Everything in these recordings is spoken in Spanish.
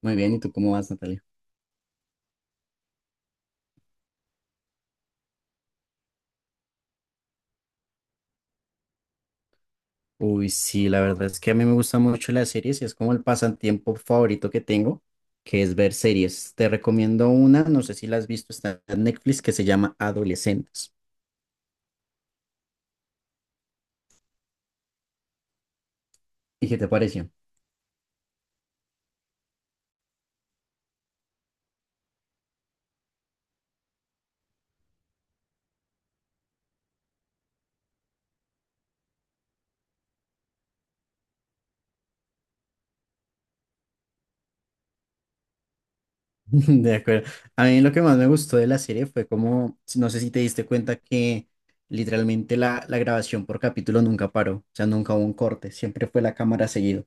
Muy bien, ¿y tú cómo vas, Natalia? Uy, sí, la verdad es que a mí me gustan mucho las series y es como el pasatiempo favorito que tengo, que es ver series. Te recomiendo una, no sé si la has visto, está en Netflix, que se llama Adolescentes. ¿Y qué te pareció? De acuerdo. A mí lo que más me gustó de la serie fue como, no sé si te diste cuenta que literalmente la grabación por capítulo nunca paró, o sea, nunca hubo un corte, siempre fue la cámara seguido.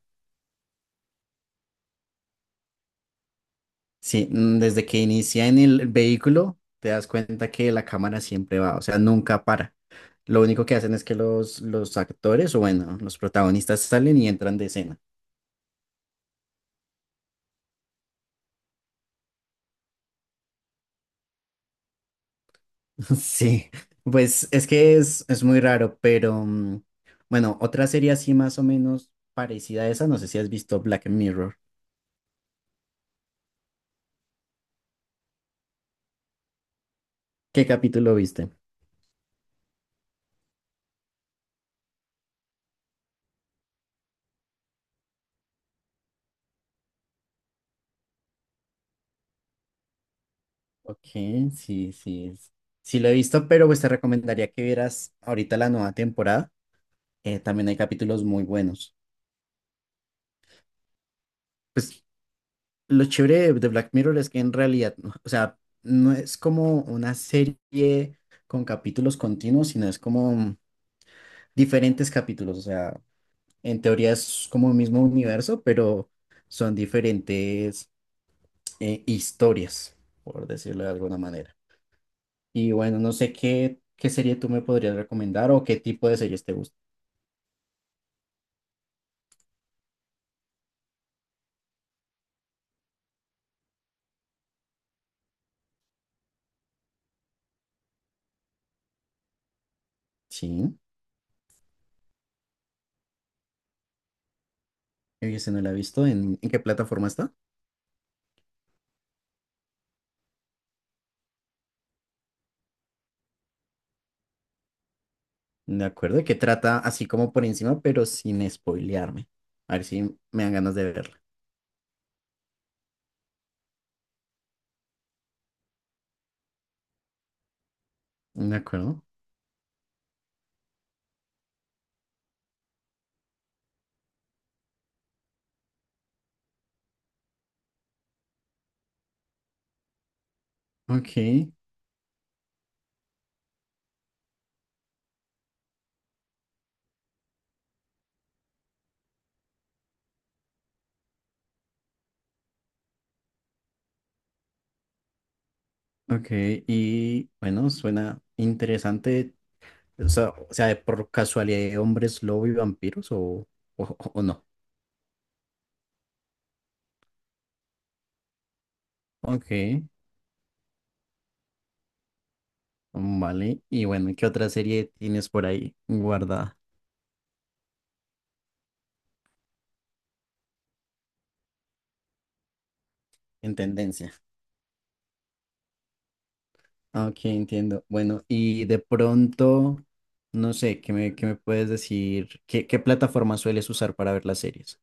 Sí, desde que inicia en el vehículo, te das cuenta que la cámara siempre va, o sea, nunca para. Lo único que hacen es que los actores, o bueno, los protagonistas salen y entran de escena. Sí, pues es que es muy raro, pero bueno, otra serie así más o menos parecida a esa, no sé si has visto Black Mirror. ¿Qué capítulo viste? Ok, sí, sí, es- sí lo he visto, pero pues te recomendaría que vieras ahorita la nueva temporada. También hay capítulos muy buenos. Pues, lo chévere de Black Mirror es que en realidad, o sea, no es como una serie con capítulos continuos, sino es como diferentes capítulos. O sea, en teoría es como el mismo universo, pero son diferentes historias, por decirlo de alguna manera. Y bueno, no sé qué serie tú me podrías recomendar o qué tipo de series te gusta. Sí, yo ese no la he visto. En qué plataforma está? De acuerdo, ¿que trata así como por encima, pero sin spoilearme? A ver si me dan ganas de verla. De acuerdo. Ok, ok. Y bueno, suena interesante. O sea, por casualidad, ¿hay ¿hombres lobo y vampiros o no? Ok, vale. Y bueno, ¿qué otra serie tienes por ahí guardada en tendencia? Ok, entiendo. Bueno, y de pronto, no sé, qué me puedes decir? Qué plataforma sueles usar para ver las series?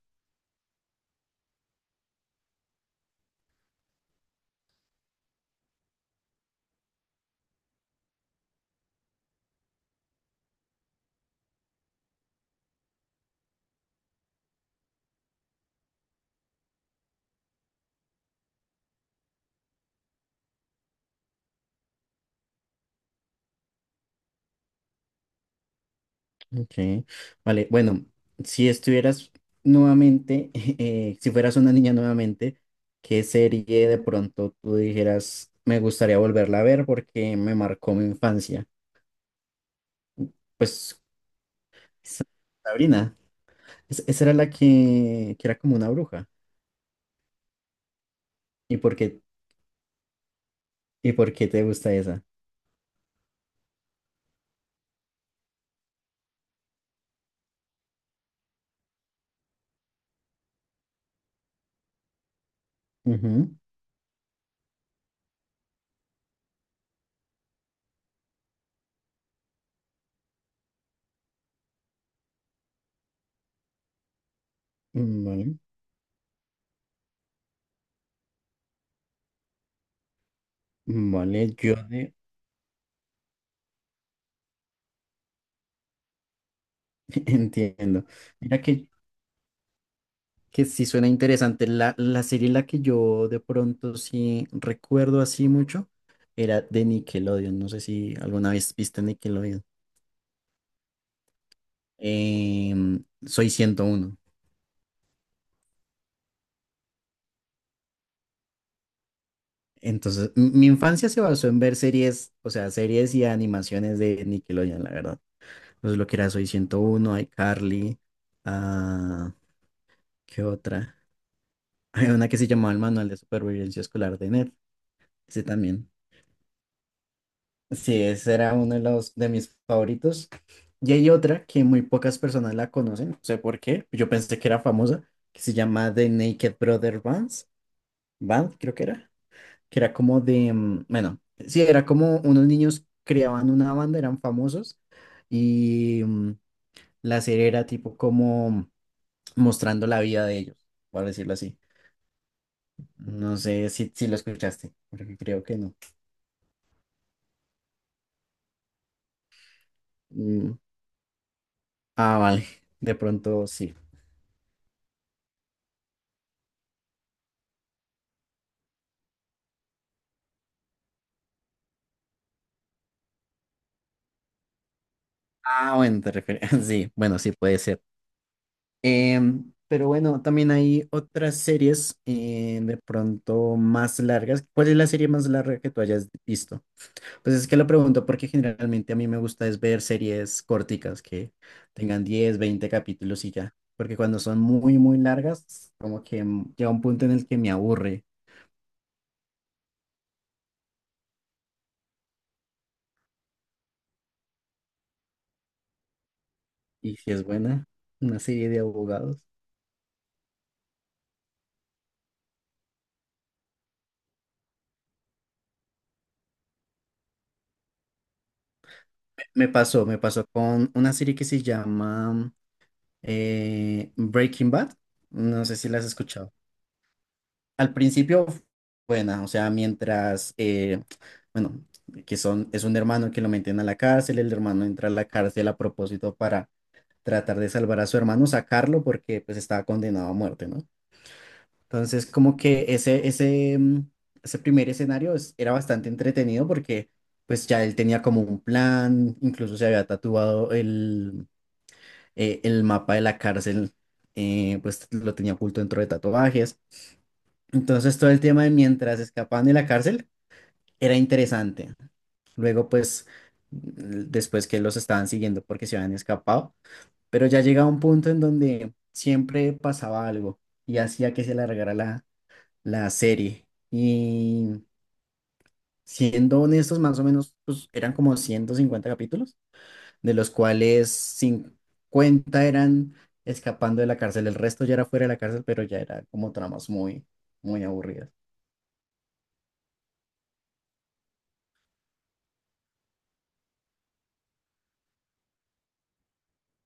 Ok, vale, bueno, si estuvieras nuevamente, si fueras una niña nuevamente, ¿qué serie de pronto tú dijeras, me gustaría volverla a ver porque me marcó mi infancia? Pues Sa- Sabrina, esa era la que era como una bruja. ¿Y por qué, y por qué te gusta esa? Ujú, mm, vale, vale, yo de- entiendo. Mira que sí suena interesante. La serie en la que yo de pronto sí recuerdo así mucho era de Nickelodeon. No sé si alguna vez viste Nickelodeon. Soy 101 Entonces, mi infancia se basó en ver series, o sea, series y animaciones de Nickelodeon, la verdad. Entonces, lo que era Soy 101, iCarly, ah, ¿qué otra? Hay una que se llamaba El Manual de Supervivencia Escolar de Ned. Ese también. Sí, ese era uno de los de mis favoritos. Y hay otra que muy pocas personas la conocen, no sé por qué. Yo pensé que era famosa, que se llama The Naked Brother Bands, Band, creo que era como de, bueno, sí, era como unos niños creaban una banda, eran famosos y la serie era tipo como mostrando la vida de ellos, por decirlo así. No sé si lo escuchaste, porque creo que no. Mm, ah, vale, de pronto sí. Ah, bueno, te refieres. Sí, bueno, sí puede ser. Pero bueno, también hay otras series de pronto más largas. ¿Cuál es la serie más larga que tú hayas visto? Pues es que lo pregunto porque generalmente a mí me gusta es ver series corticas que tengan 10 20 capítulos y ya. Porque cuando son muy largas, como que llega un punto en el que me aburre. Y si es buena, una serie de abogados. Me pasó con una serie que se llama Breaking Bad, no sé si la has escuchado. Al principio, buena, o sea, bueno, que es un hermano que lo meten a la cárcel, el hermano entra a la cárcel a propósito para tratar de salvar a su hermano, sacarlo porque pues estaba condenado a muerte, ¿no? Entonces, como que ese primer escenario era bastante entretenido porque pues ya él tenía como un plan, incluso se había tatuado el mapa de la cárcel, pues lo tenía oculto dentro de tatuajes. Entonces todo el tema de mientras escapaban de la cárcel era interesante. Luego, pues, mm, después que los estaban siguiendo porque se habían escapado, pero ya llegaba un punto en donde siempre pasaba algo y hacía que se alargara la serie. Y siendo honestos, más o menos, pues eran como 150 capítulos, de los cuales 50 eran escapando de la cárcel, el resto ya era fuera de la cárcel, pero ya era como tramas muy aburridas.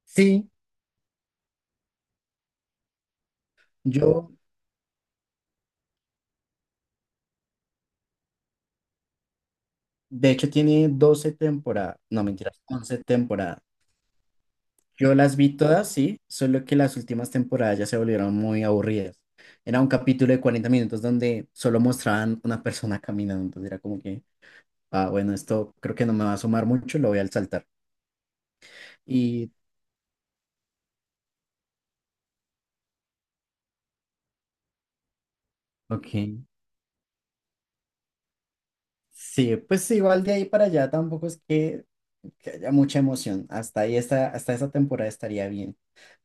Sí, yo, de hecho tiene 12 temporadas, no mentiras, 11 temporadas. Yo las vi todas, sí, solo que las últimas temporadas ya se volvieron muy aburridas. Era un capítulo de 40 minutos donde solo mostraban una persona caminando, entonces era como que, ah, bueno, esto creo que no me va a sumar mucho, lo voy a saltar. Y, ok. Sí, pues sí, igual de ahí para allá tampoco es que haya mucha emoción. Hasta ahí está, hasta esa temporada estaría bien.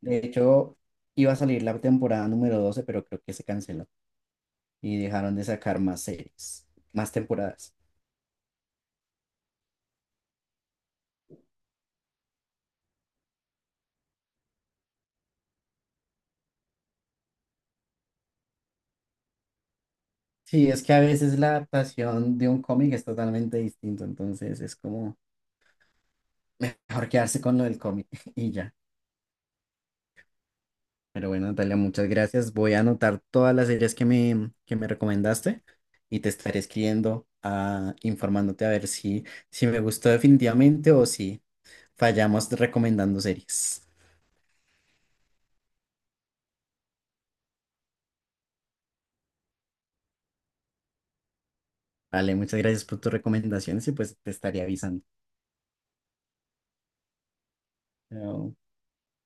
De hecho, iba a salir la temporada número 12, pero creo que se canceló y dejaron de sacar más series, más temporadas. Sí, es que a veces la adaptación de un cómic es totalmente distinto, entonces es como mejor quedarse con lo del cómic y ya. Pero bueno, Natalia, muchas gracias. Voy a anotar todas las series que me recomendaste y te estaré escribiendo, ah, informándote a ver si me gustó definitivamente o si fallamos recomendando series. Vale, muchas gracias por tus recomendaciones y pues te estaré avisando. Chao.